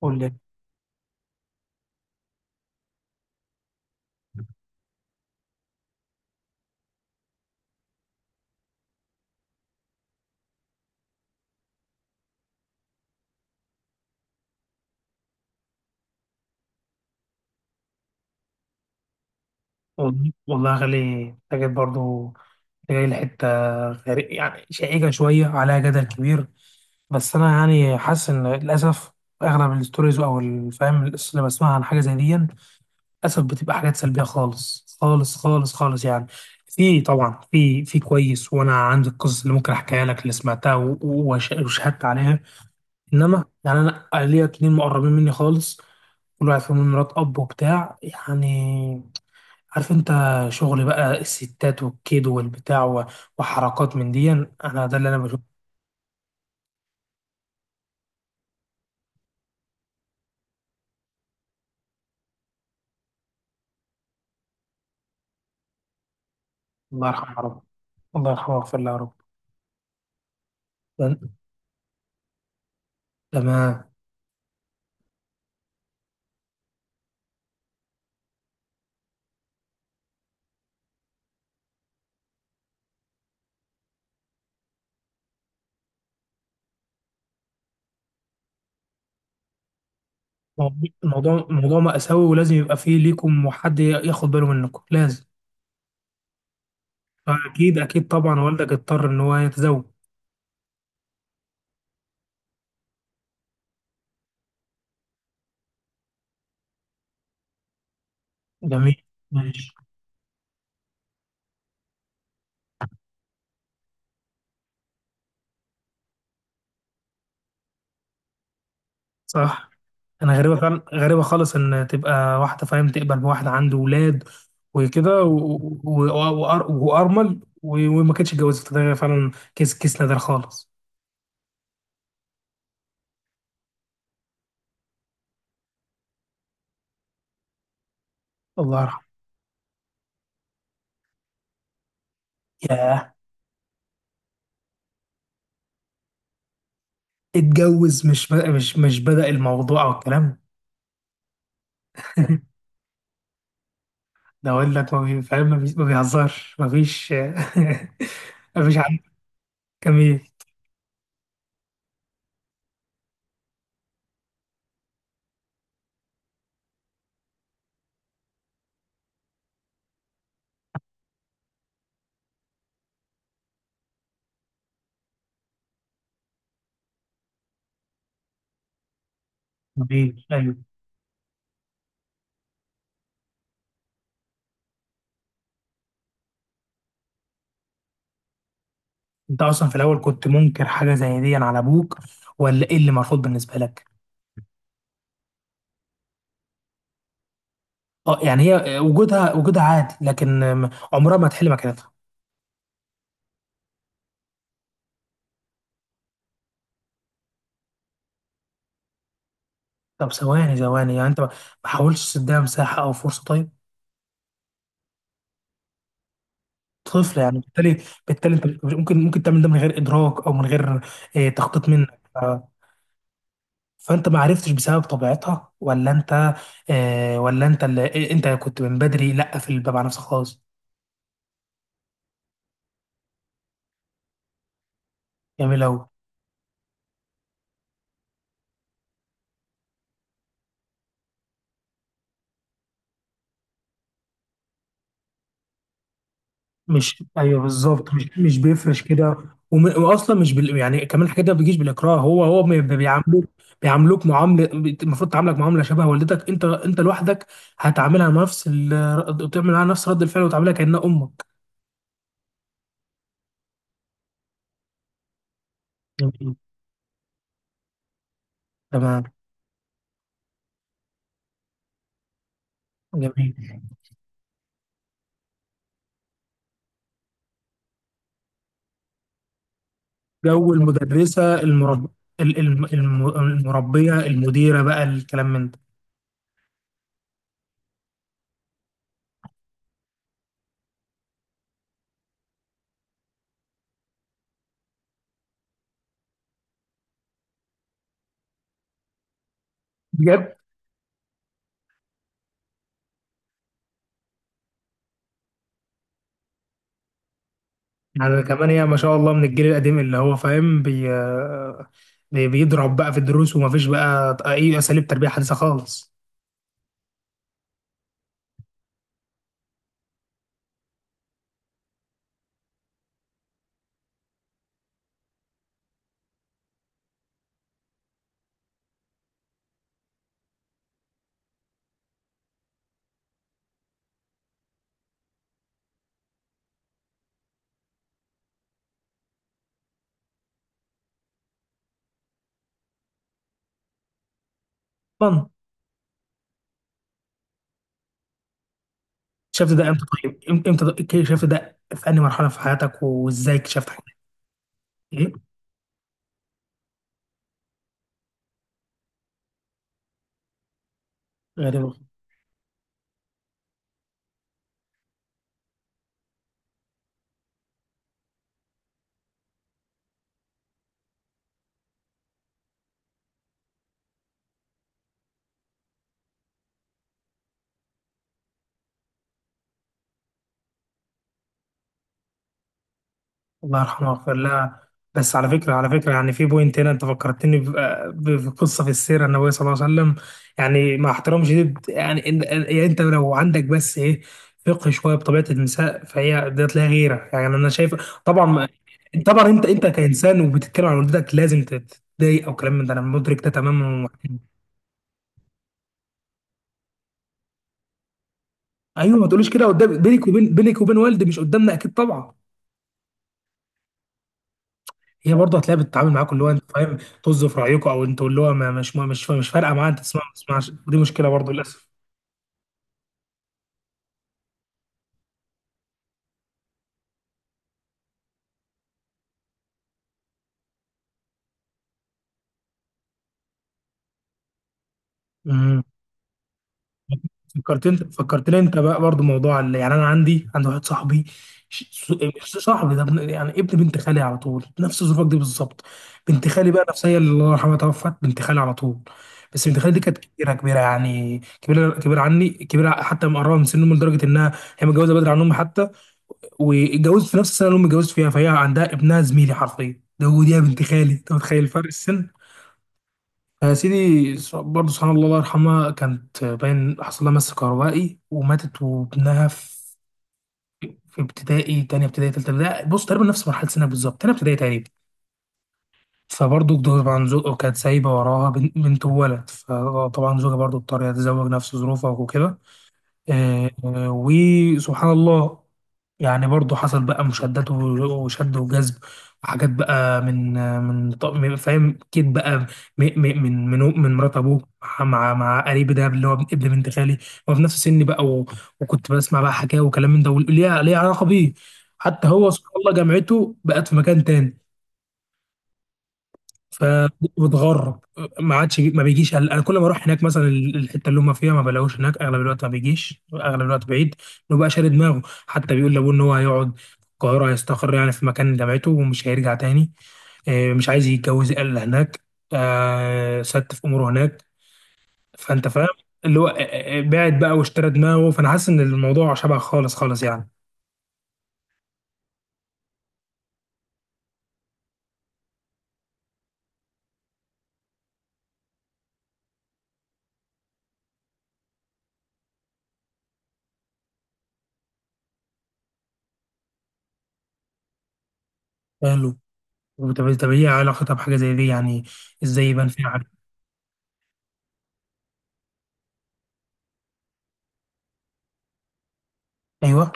قول لي. والله يا غالي، انت جيت برضه. انت جاي لحته غريب، يعني شائكه، شويه عليها جدل كبير. بس انا يعني حاسس ان للاسف اغلب الستوريز او الفهم اللي بسمعها عن حاجه زي دي، للاسف بتبقى حاجات سلبيه خالص خالص خالص خالص يعني. في طبعا، في كويس، وانا عندي القصص اللي ممكن احكيها لك، اللي سمعتها وشهدت عليها. انما يعني انا ليا اتنين مقربين مني خالص، كل واحد فيهم من مرات اب وبتاع يعني. عارف انت، شغل بقى الستات والكيد والبتاع وحركات من دي، انا ده اللي انا بشوفه. الله يرحمه يا رب، الله يرحمه ويغفر له يا رب. تمام. موضوع موضوع مأساوي، ولازم يبقى فيه ليكم وحد ياخد باله منكم لازم. فأكيد أكيد طبعا والدك اضطر إن هو يتزوج. جميل. ماشي. صح. انا غريبه فعلا، غريبه خالص ان تبقى واحده، فاهم، تقبل بواحد عنده ولاد وكده، وارمل، وما كانتش اتجوزت. ده فعلا كيس نادر خالص. الله يرحمه. ياه. اتجوز؟ مش بدأ الموضوع او الكلام؟ ده اقول لك، ما بي- فاهم، ما بيهزرش. ما فيش ما فيش عن. جميل. جميل، ايوه. انت اصلا في الاول كنت منكر حاجه زي دي على ابوك، ولا ايه اللي مرفوض بالنسبه لك؟ اه يعني هي، وجودها عادي، لكن عمرها ما تحل مكانتها. طب ثواني ثواني، يعني انت ما حاولتش تديها مساحه او فرصه طيب؟ طفل، يعني بالتالي انت ممكن تعمل ده من غير ادراك او من غير تخطيط منك. فانت ما عرفتش بسبب طبيعتها، ولا انت ولا انت اللي، انت كنت من بدري لا في الباب على نفسك خالص؟ جميل قوي. مش، ايوه، بالظبط. مش بيفرش كده. واصلا مش بال... يعني، كمان الحاجات دي ما بيجيش بالاكراه. بيعاملوك. المفروض تعاملك معامله شبه والدتك. انت لوحدك تعمل معاها نفس رد الفعل، وتعاملها كانها امك. جميل. تمام. جميل. جو المدرسه، المربيه، المديره بقى، الكلام من ده. بجد. على كمان هي ما شاء الله من الجيل القديم اللي هو فاهم، بيضرب بقى في الدروس، ومفيش بقى اي اساليب تربيه حديثه خالص. طبعا. شفت ده امتى طيب؟ امتى شفت ده؟ في انهي مرحله في حياتك؟ وازاي اكتشفت حاجه؟ ايه؟ غريبه. الله يرحمه ويغفر لها. بس على فكره يعني في بوينت هنا انت فكرتني بقصه في السيره النبويه صلى الله عليه وسلم. يعني مع احترام شديد، يعني يعني انت لو عندك بس ايه، فقه شويه بطبيعه النساء، فهي ديت لها غيره. يعني انا شايف. طبعا طبعا انت كانسان وبتتكلم عن والدتك لازم تتضايق او كلام من ده، انا مدرك ده تماما ومحترم. ايوه، ما تقوليش كده قدام. بينك وبين والدي، مش قدامنا، اكيد طبعا. هي برضه هتلاقيها بتتعامل معاكم اللي هو، انت فاهم، طز في رايكم. او انتوا اللي هو، مش فارقه معاه، انت تسمع ما تسمعش، ودي مشكله برضه للاسف. امم فكرتني انت بقى برضه موضوع اللي، يعني انا عندي واحد صاحبي، ش- س- مش صاحبي ده، ابن بنت خالي على طول، نفس ظروفك دي بالظبط. بنت خالي بقى نفسها، هي اللي الله يرحمها توفت، بنت خالي على طول. بس بنت خالي دي كانت كبيره كبيره، يعني كبيره كبيره عني، كبيره حتى مقربه من سن امي، لدرجه انها هي متجوزه بدري عن امي حتى، واتجوزت في نفس السنه اللي امي اتجوزت فيها. فهي عندها ابنها زميلي حرفيا ده، ودي يا بنت خالي، انت متخيل فرق السن. فيا سيدي، برضه سبحان الله، الله يرحمها، كانت باين حصل لها مس كهربائي وماتت، وابنها في ابتدائي. تانية ابتدائي، تالتة ابتدائي، بص، تقريبا نفس مرحلة سنك بالظبط، تانية ابتدائي تقريبا. فبرضه طبعا زوجها، كانت سايبة وراها بنت وولد. فطبعا زوجها برضه اضطر يتزوج نفس ظروفها وكده. وسبحان الله. يعني برضه حصل بقى مشادات وشد وجذب، وحاجات بقى من آه، من ط- من- فاهم اكيد بقى، من مرات ابوه، مع قريب ده اللي هو ابن بنت خالي. هو في نفس سني بقى، وكنت بسمع بقى حكاوي وكلام من ده، وليه علاقه بيه. حتى هو سبحان الله جامعته بقت في مكان تاني، فبتغرب، ما عادش، ما بيجيش. انا كل ما اروح هناك مثلا الحته اللي هم فيها ما بلاقوش هناك، اغلب الوقت ما بيجيش، اغلب الوقت بعيد. انه بقى شاري دماغه، حتى بيقول لابوه ان هو هيقعد في القاهره، هيستقر يعني في مكان جامعته ومش هيرجع تاني. مش عايز يتجوز الا هناك. ست في اموره هناك. فانت فاهم اللي هو، بعد بقى واشترى دماغه، فانا حاسس ان الموضوع شبه خالص خالص يعني. قالوا؟ طب طب، ايه علاقتها بحاجه زي دي يعني؟ ازاي يبان فيها علاقة؟ ايوه.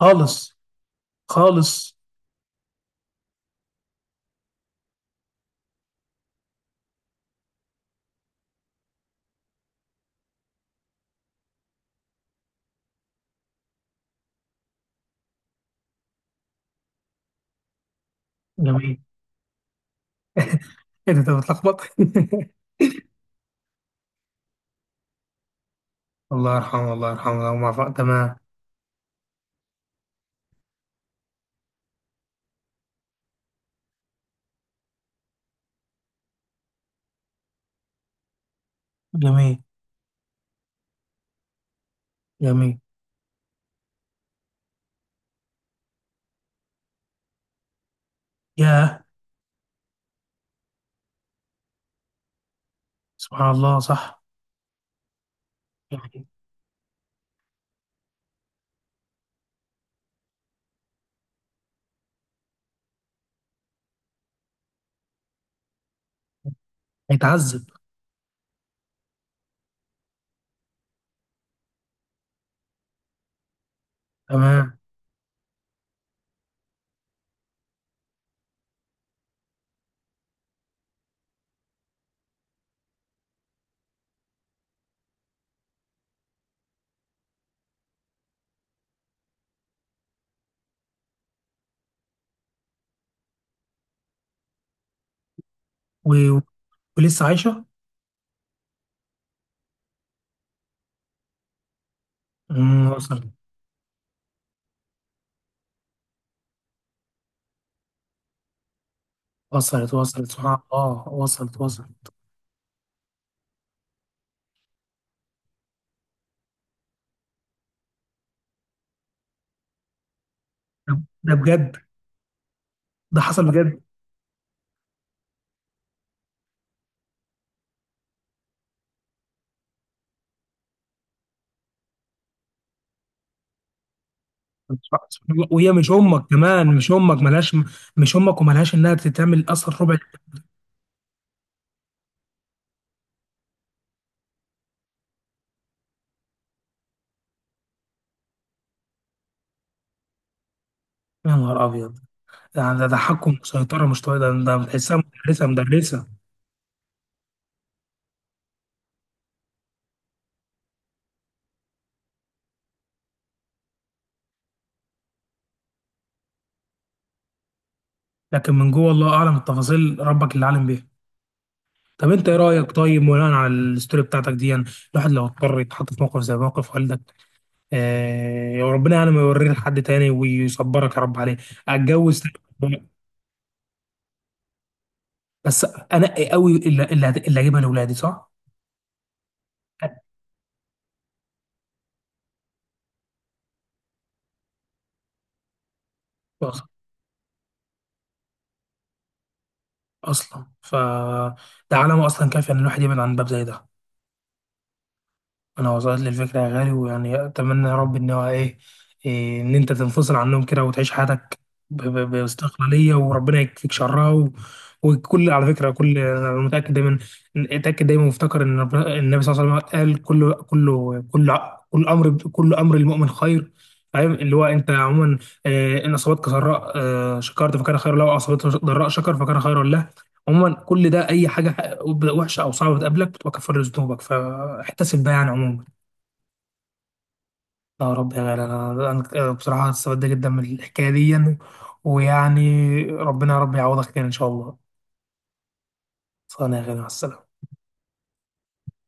خالص. خالص. جميل. ايه ده انت بتلخبط؟ الله يرحمه، الله يرحمه، الله يرحمه تمام. جميل. جميل. ياه، سبحان الله. صح يعني، هيتعذب. تمام. و... ولسه عايشة؟ وصلت، وصلت، وصلت، سبحان الله، وصلت، وصلت. ده ده بجد؟ ده حصل بجد؟ سبحان الله، وهي مش أمك كمان، مش أمك، ملهاش. مش أمك وملهاش إنها تتعمل أصلا ربع. يا نهار أبيض. ده تحكم وسيطرة مش طبيعي، ده بتحسها؟ مدرسة، مدرسة. لكن من جوه الله اعلم التفاصيل، ربك اللي عالم بيها. طب انت ايه رايك طيب، بناء على الستوري بتاعتك دي يعني، الواحد لو اضطر يتحط في موقف زي موقف والدك؟ آه يا ربنا، يعني ما يوريه لحد تاني، ويصبرك يا رب عليه. اتجوز تاني، بس انقي قوي اللي هجيبها لاولادي، صح؟ أص- اصلا ده علامه اصلا كافيه ان الواحد يبعد عن باب زي ده. انا وصلت لي الفكره يا غالي، ويعني اتمنى يا رب ان هو ايه إيه، ان انت تنفصل عنهم كده وتعيش حياتك باستقلاليه، وربنا يكفيك شرها. وكل على فكره كل انا متاكد دايما، اتاكد دايما، وافتكر ان النبي صلى الله عليه وسلم قال، كل امر المؤمن خير. فاهم اللي هو انت عموما، ان اصابتك سراء شكرت فكان خيرا له، واصابتك ضراء شكر فكان خيرا له. عموما كل ده، اي حاجه وحشه او صعبه بتقابلك بتبقى كفاره ذنوبك، فاحتسب بقى يعني عموما. لا يا رب يا غالي، انا بصراحه استفدت جدا من الحكايه دي، ويعني ربنا يا رب يعوضك خير ان شاء الله. صانع يا غالي، مع السلامه.